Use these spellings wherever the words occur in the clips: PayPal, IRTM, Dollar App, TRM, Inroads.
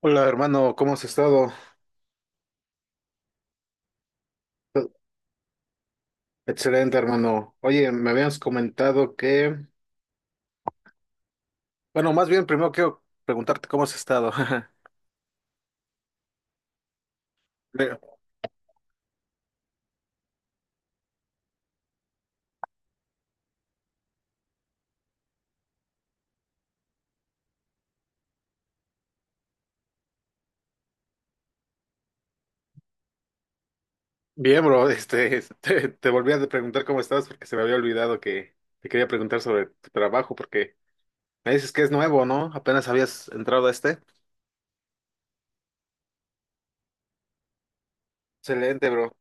Hola hermano, ¿cómo has estado? Excelente hermano. Oye, me habías comentado que, bueno, más bien primero quiero preguntarte cómo has estado. Bien, bien, bro, este, te volví a preguntar cómo estabas porque se me había olvidado que te quería preguntar sobre tu trabajo porque me dices que es nuevo, ¿no? Apenas habías entrado a este. Excelente, bro.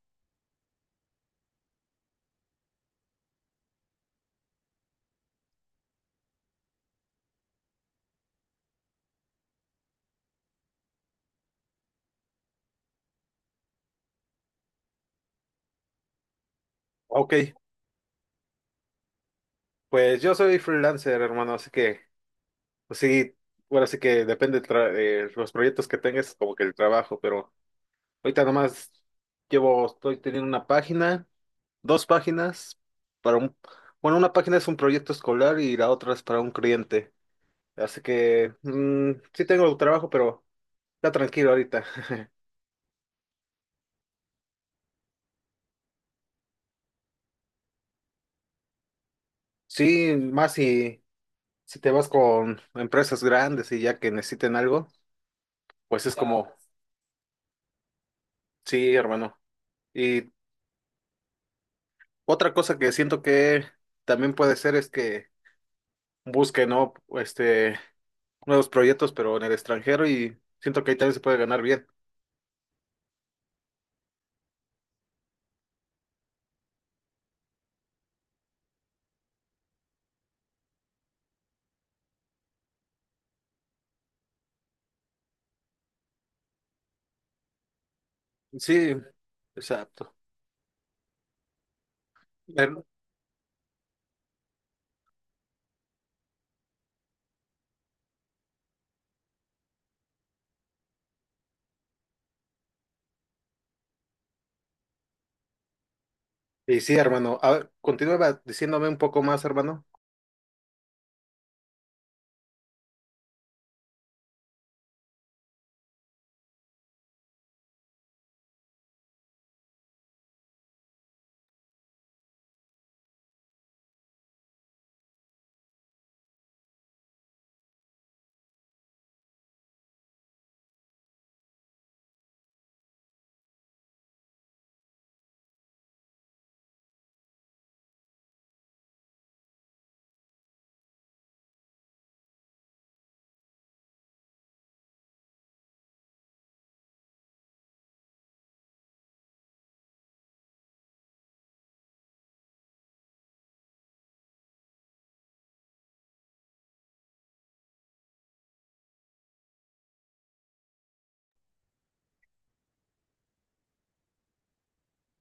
Ok, pues yo soy freelancer, hermano, así que, pues sí, bueno, así que depende de los proyectos que tengas, como que el trabajo, pero... Ahorita nomás llevo, estoy teniendo una página, dos páginas para un, bueno, una página es un proyecto escolar y la otra es para un cliente. Así que sí tengo trabajo, pero está tranquilo ahorita. Sí, más si te vas con empresas grandes y ya que necesiten algo, pues es claro. Como, sí, hermano. Y otra cosa que siento que también puede ser es que busquen, ¿no? Este, nuevos proyectos, pero en el extranjero y siento que ahí también se puede ganar bien. Sí, exacto. Bueno, y sí, hermano. A ver, continúa diciéndome un poco más, hermano.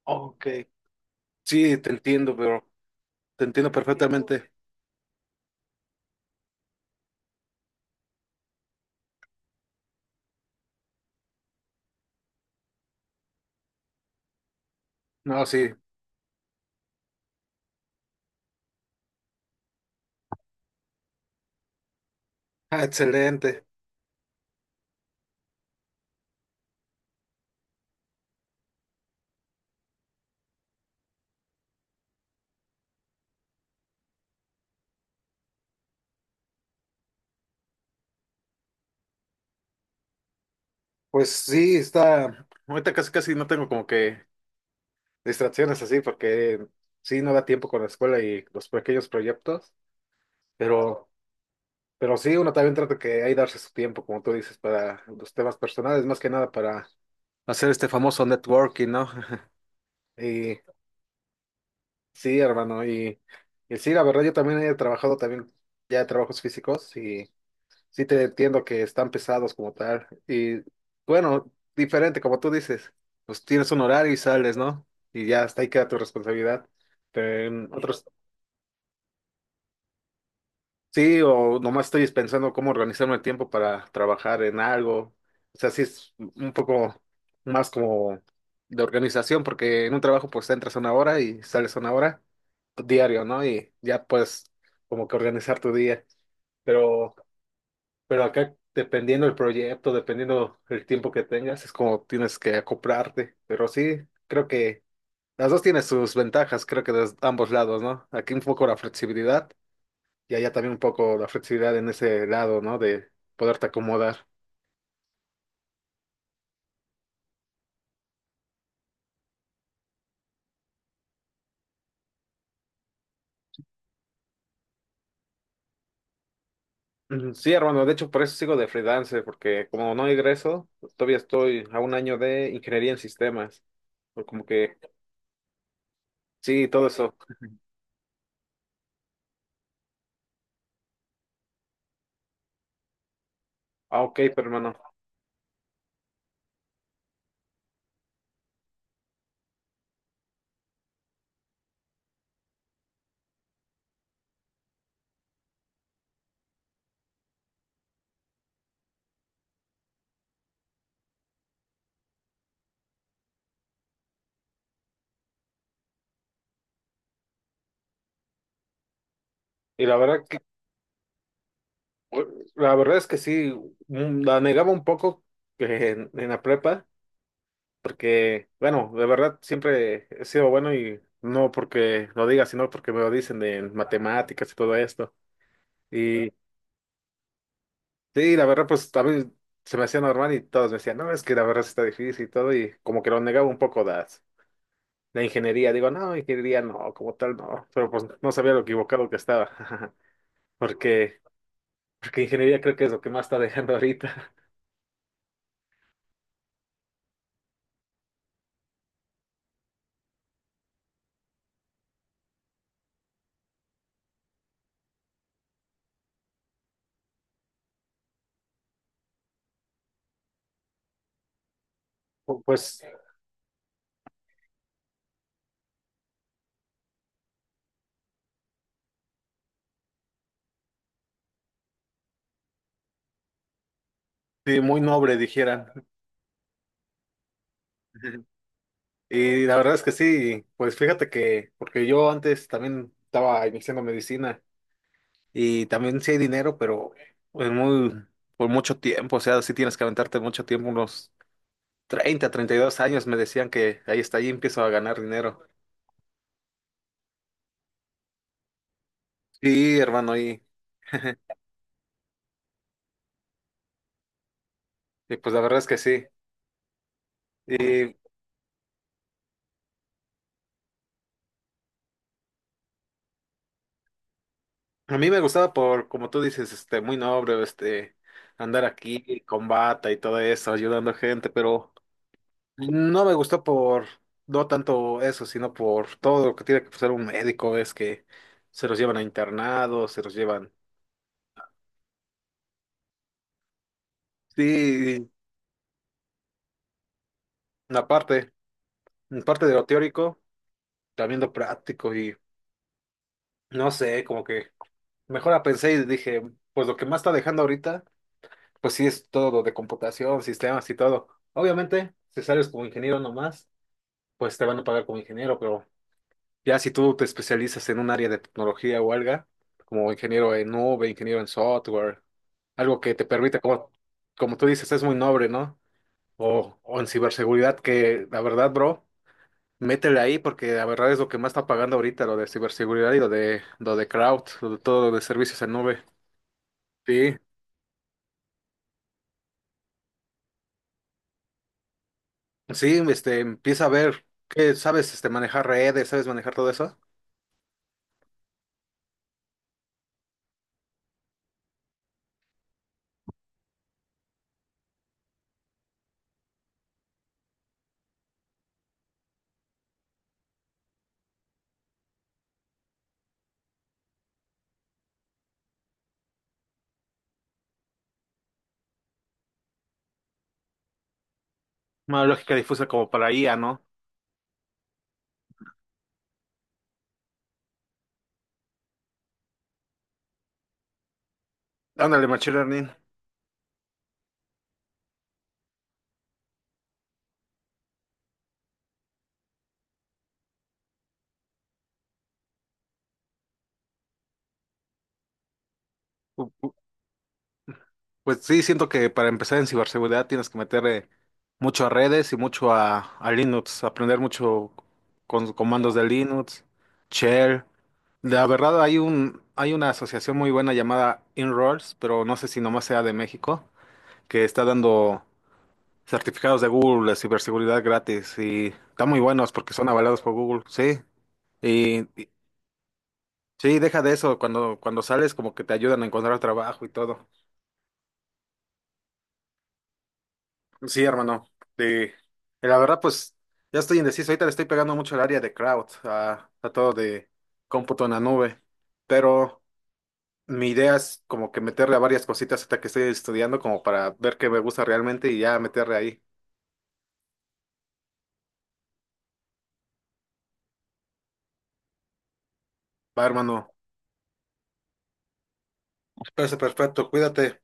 Ok. Sí, te entiendo, pero te entiendo perfectamente. No, sí. Ah, excelente. Pues sí, está, ahorita casi casi no tengo como que distracciones así, porque sí, no da tiempo con la escuela y los pequeños proyectos, pero, pero sí, uno también trata que ahí darse su tiempo, como tú dices, para los temas personales, más que nada para hacer este famoso networking, ¿no? Y sí, hermano, y sí, la verdad, yo también he trabajado también ya trabajos físicos. Sí te entiendo que están pesados como tal. Y bueno, diferente, como tú dices, pues tienes un horario y sales, ¿no? Y ya hasta ahí queda tu responsabilidad. Pero en otros, sí, o nomás estoy pensando cómo organizarme el tiempo para trabajar en algo. O sea, sí es un poco más como de organización, porque en un trabajo pues entras una hora y sales una hora diario, ¿no? Y ya pues como que organizar tu día. Pero Pero acá, dependiendo del proyecto, dependiendo el tiempo que tengas, es como tienes que acoplarte. Pero sí, creo que las dos tienen sus ventajas, creo que de ambos lados, ¿no? Aquí un poco la flexibilidad y allá también un poco la flexibilidad en ese lado, ¿no? De poderte acomodar. Ujú. Sí, hermano, de hecho por eso sigo de freelance, porque como no egreso, todavía estoy a un año de ingeniería en sistemas. O como que, sí, todo eso. Ah, ok, pero hermano. Y la verdad, que bueno, la verdad es que sí, la negaba un poco en la prepa, porque, bueno, de verdad siempre he sido bueno y no porque lo diga, sino porque me lo dicen de matemáticas y todo esto. Y sí, la verdad, pues a mí se me hacía normal y todos me decían, no, es que la verdad sí está difícil y todo, y como que lo negaba un poco las, la ingeniería. Digo, no, ingeniería no, como tal no, pero pues no sabía lo equivocado que estaba, porque, porque ingeniería creo que es lo que más está dejando ahorita. Pu- pues. Sí, muy noble, dijeran. Y la verdad es que sí, pues fíjate que, porque yo antes también estaba iniciando medicina y también sí hay dinero, pero pues muy, por mucho tiempo, o sea, sí tienes que aventarte mucho tiempo, unos treinta y dos años me decían que ahí está, ahí empiezo a ganar dinero. Sí, hermano, y, y pues la verdad es que sí. Y a mí me gustaba por, como tú dices, este, muy noble, este, andar aquí con bata y todo eso, ayudando gente, pero... No me gustó por, no tanto eso, sino por todo lo que tiene que pasar un médico, es que se los llevan a internados, se los llevan. Sí, la parte, la parte de lo teórico, también lo práctico y no sé, como que mejor la pensé y dije, pues lo que más está dejando ahorita, pues sí es todo lo de computación, sistemas y todo. Obviamente, si sales como ingeniero nomás, pues te van a pagar como ingeniero, pero ya si tú te especializas en un área de tecnología o algo, como ingeniero en nube, ingeniero en software, algo que te permita, como, como tú dices, es muy noble, ¿no? O en ciberseguridad, que la verdad, bro, métele ahí porque la verdad es lo que más está pagando ahorita, lo de ciberseguridad y lo de cloud, lo de todo lo de servicios en nube. Sí, sí, este, empieza a ver que sabes, este, manejar redes, sabes manejar todo eso. Una lógica difusa como para IA, ¿no? Ándale, machine learning. Pues sí, siento que para empezar en ciberseguridad tienes que meter mucho a redes y mucho a Linux, aprender mucho con comandos de Linux, shell. La verdad hay un, hay una asociación muy buena llamada Inroads, pero no sé si nomás sea de México, que está dando certificados de Google de ciberseguridad gratis y están muy buenos porque son avalados por Google, sí. Y- sí, deja de eso, cuando, cuando sales como que te ayudan a encontrar trabajo y todo. Sí, hermano. De, de la verdad, pues ya estoy indeciso. Ahorita le estoy pegando mucho al área de cloud, a todo de cómputo en la nube. Pero mi idea es como que meterle a varias cositas hasta que estoy estudiando, como para ver qué me gusta realmente y ya meterle ahí. Va, hermano. Parece perfecto. Cuídate.